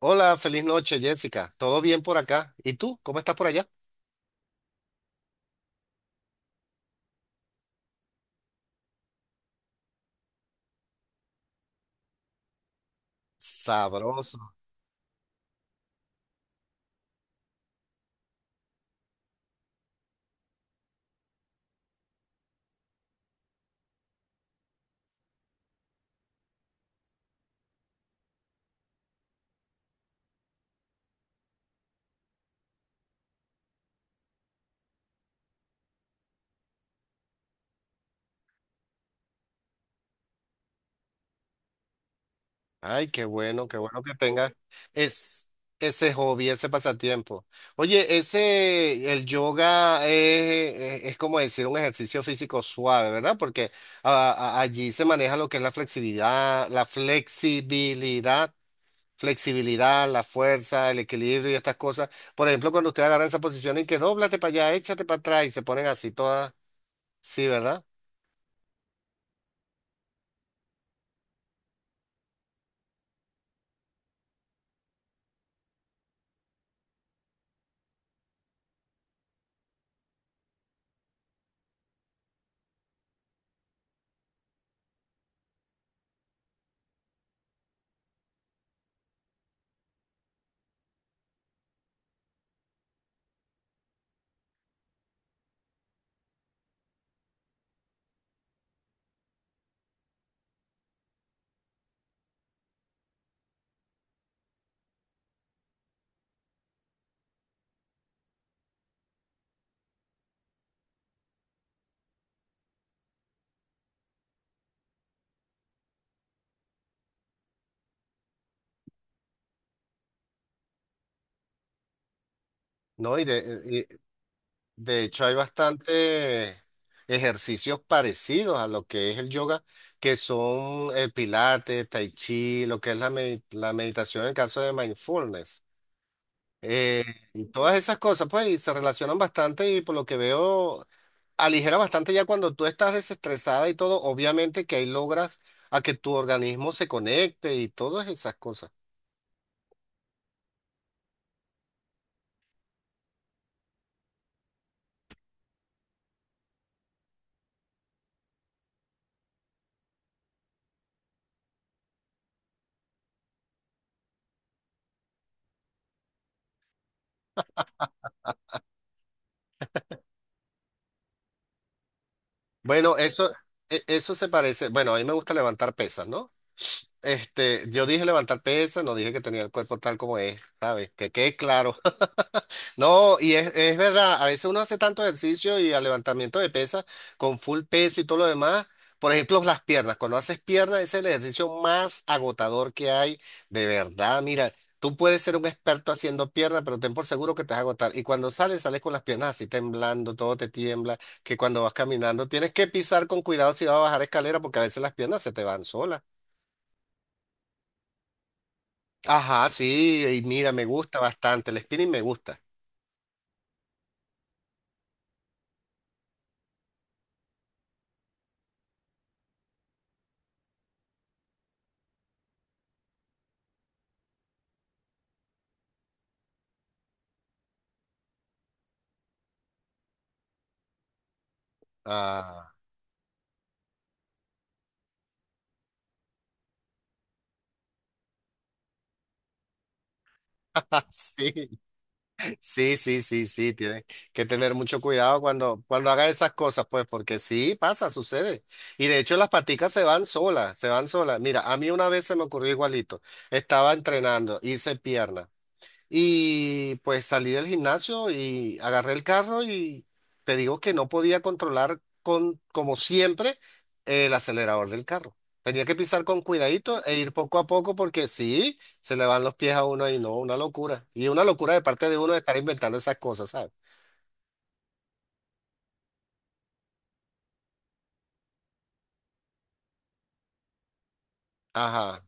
Hola, feliz noche, Jessica. ¿Todo bien por acá? ¿Y tú? ¿Cómo estás por allá? Sabroso. Ay, qué bueno que tengas es, ese hobby, ese pasatiempo. Oye, ese, el yoga es como decir un ejercicio físico suave, ¿verdad? Porque allí se maneja lo que es la flexibilidad, la flexibilidad, la fuerza, el equilibrio y estas cosas. Por ejemplo, cuando usted agarra esa posición y que dóblate para allá, échate para atrás y se ponen así todas, sí, ¿verdad? No, y de hecho hay bastante ejercicios parecidos a lo que es el yoga, que son el pilates, tai chi, lo que es la meditación en el caso de mindfulness. Eh, y todas esas cosas, pues, y se relacionan bastante y por lo que veo, aligera bastante ya cuando tú estás desestresada y todo, obviamente que ahí logras a que tu organismo se conecte y todas esas cosas. Bueno, eso, Eso se parece, bueno, a mí me gusta levantar pesas, ¿no? Este, yo dije levantar pesas, no dije que tenía el cuerpo tal como es, ¿sabes? Que quede claro. No, es verdad, a veces uno hace tanto ejercicio y al levantamiento de pesas con full peso y todo lo demás. Por ejemplo, las piernas. Cuando haces piernas ese es el ejercicio más agotador que hay, de verdad. Mira, tú puedes ser un experto haciendo piernas, pero ten por seguro que te vas a agotar. Y cuando sales, sales con las piernas así temblando, todo te tiembla, que cuando vas caminando tienes que pisar con cuidado si vas a bajar escalera porque a veces las piernas se te van solas. Ajá, sí, y mira, me gusta bastante, el spinning me gusta. Ah, sí, sí, tienes que tener mucho cuidado cuando hagas esas cosas, pues, porque sí, pasa, sucede. Y de hecho las paticas se van solas, se van solas. Mira, a mí una vez se me ocurrió igualito, estaba entrenando, hice pierna. Y pues salí del gimnasio y agarré el carro y te digo que no podía controlar con, como siempre, el acelerador del carro. Tenía que pisar con cuidadito e ir poco a poco porque sí, se le van los pies a uno y no, una locura. Y una locura de parte de uno de estar inventando esas cosas, ¿sabes? Ajá,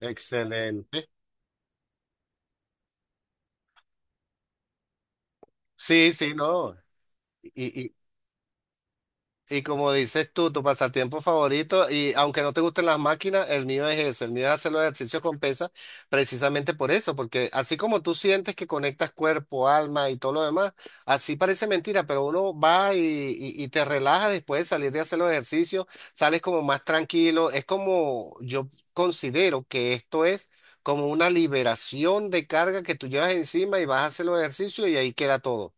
excelente. Sí, sí, no. y Y como dices tú, tu pasatiempo favorito, y aunque no te gusten las máquinas, el mío es ese, el mío es hacer los ejercicios con pesas, precisamente por eso, porque así como tú sientes que conectas cuerpo, alma y todo lo demás, así parece mentira, pero uno va y te relaja después de salir de hacer los ejercicios, sales como más tranquilo, es como yo considero que esto es como una liberación de carga que tú llevas encima y vas a hacer los ejercicios y ahí queda todo.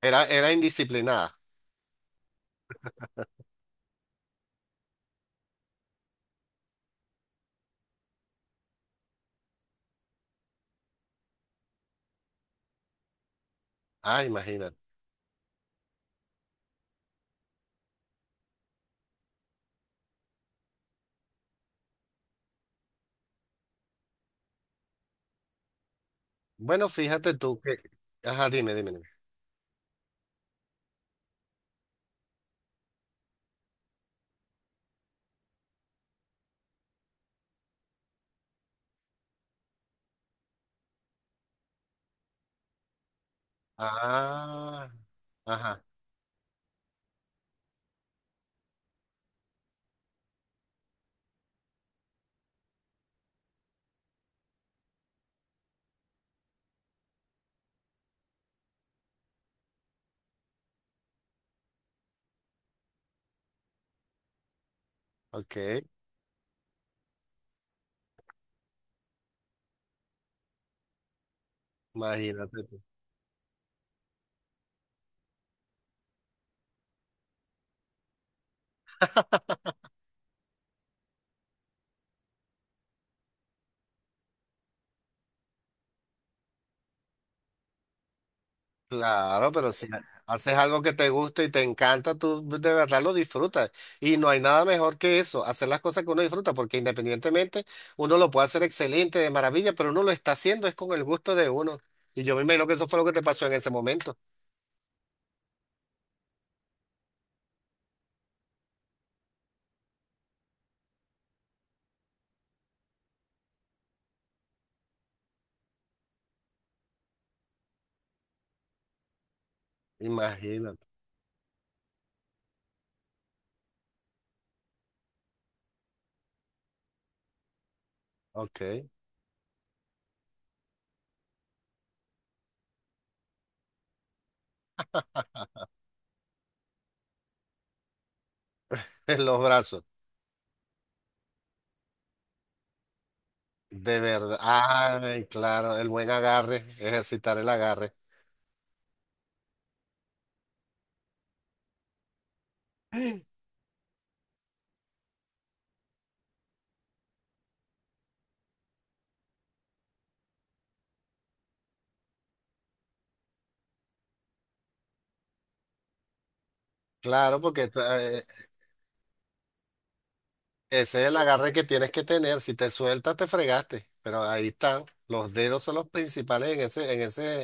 Era, era indisciplinada. Ah, imagínate. Bueno, fíjate tú que. Ajá, dime, dime, dime. Ah, ajá, ok. Imagínate tú. Claro, pero si haces algo que te gusta y te encanta, tú de verdad lo disfrutas. Y no hay nada mejor que eso, hacer las cosas que uno disfruta, porque independientemente uno lo puede hacer excelente, de maravilla, pero uno lo está haciendo es con el gusto de uno. Y yo me imagino que eso fue lo que te pasó en ese momento. Imagínate. Ok. En los brazos. De verdad. Ay, claro, el buen agarre, ejercitar el agarre. Claro, porque ese es el agarre que tienes que tener. Si te sueltas, te fregaste. Pero ahí están. Los dedos son los principales en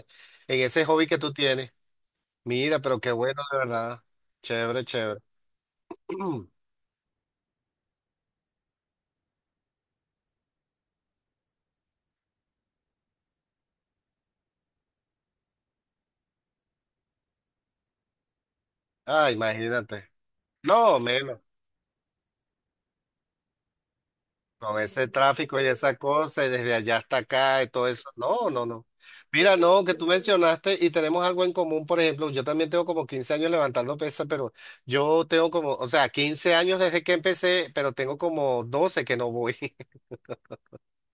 en ese hobby que tú tienes. Mira, pero qué bueno, de verdad. Chévere, chévere. Ah, imagínate. No, menos. Con ese tráfico y esa cosa, y desde allá hasta acá y todo eso. No, no, no. Mira, no, que tú mencionaste y tenemos algo en común, por ejemplo, yo también tengo como 15 años levantando pesas, pero yo tengo como, o sea, 15 años desde que empecé, pero tengo como 12 que no voy.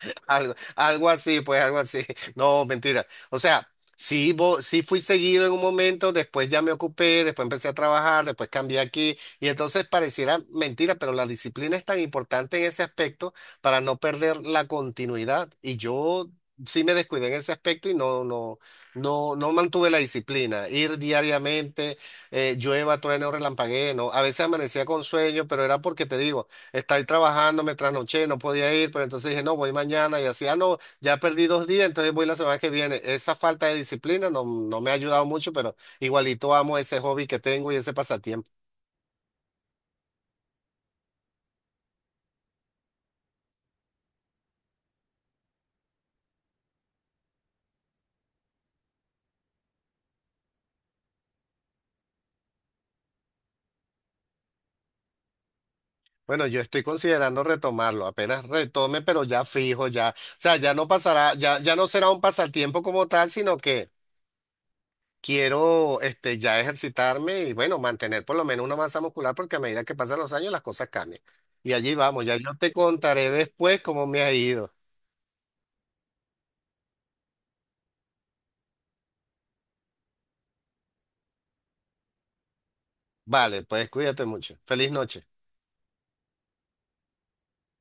Algo, algo así, pues algo así. No, mentira. O sea, sí fui seguido en un momento, después ya me ocupé, después empecé a trabajar, después cambié aquí y entonces pareciera mentira, pero la disciplina es tan importante en ese aspecto para no perder la continuidad. Y yo sí me descuidé en ese aspecto y no mantuve la disciplina. Ir diariamente, llueva, trueno, relampaguee, no. A veces amanecía con sueño, pero era porque te digo. Estaba trabajando, me trasnoché, no podía ir, pero entonces dije, no, voy mañana y así, ah, no, ya perdí 2 días, entonces voy la semana que viene. Esa falta de disciplina no me ha ayudado mucho, pero igualito amo ese hobby que tengo y ese pasatiempo. Bueno, yo estoy considerando retomarlo, apenas retome, pero ya fijo, ya, o sea, ya no pasará, ya, ya no será un pasatiempo como tal, sino que quiero, este, ya ejercitarme y bueno, mantener por lo menos una masa muscular, porque a medida que pasan los años las cosas cambian. Y allí vamos, ya yo te contaré después cómo me ha ido. Vale, pues cuídate mucho. Feliz noche.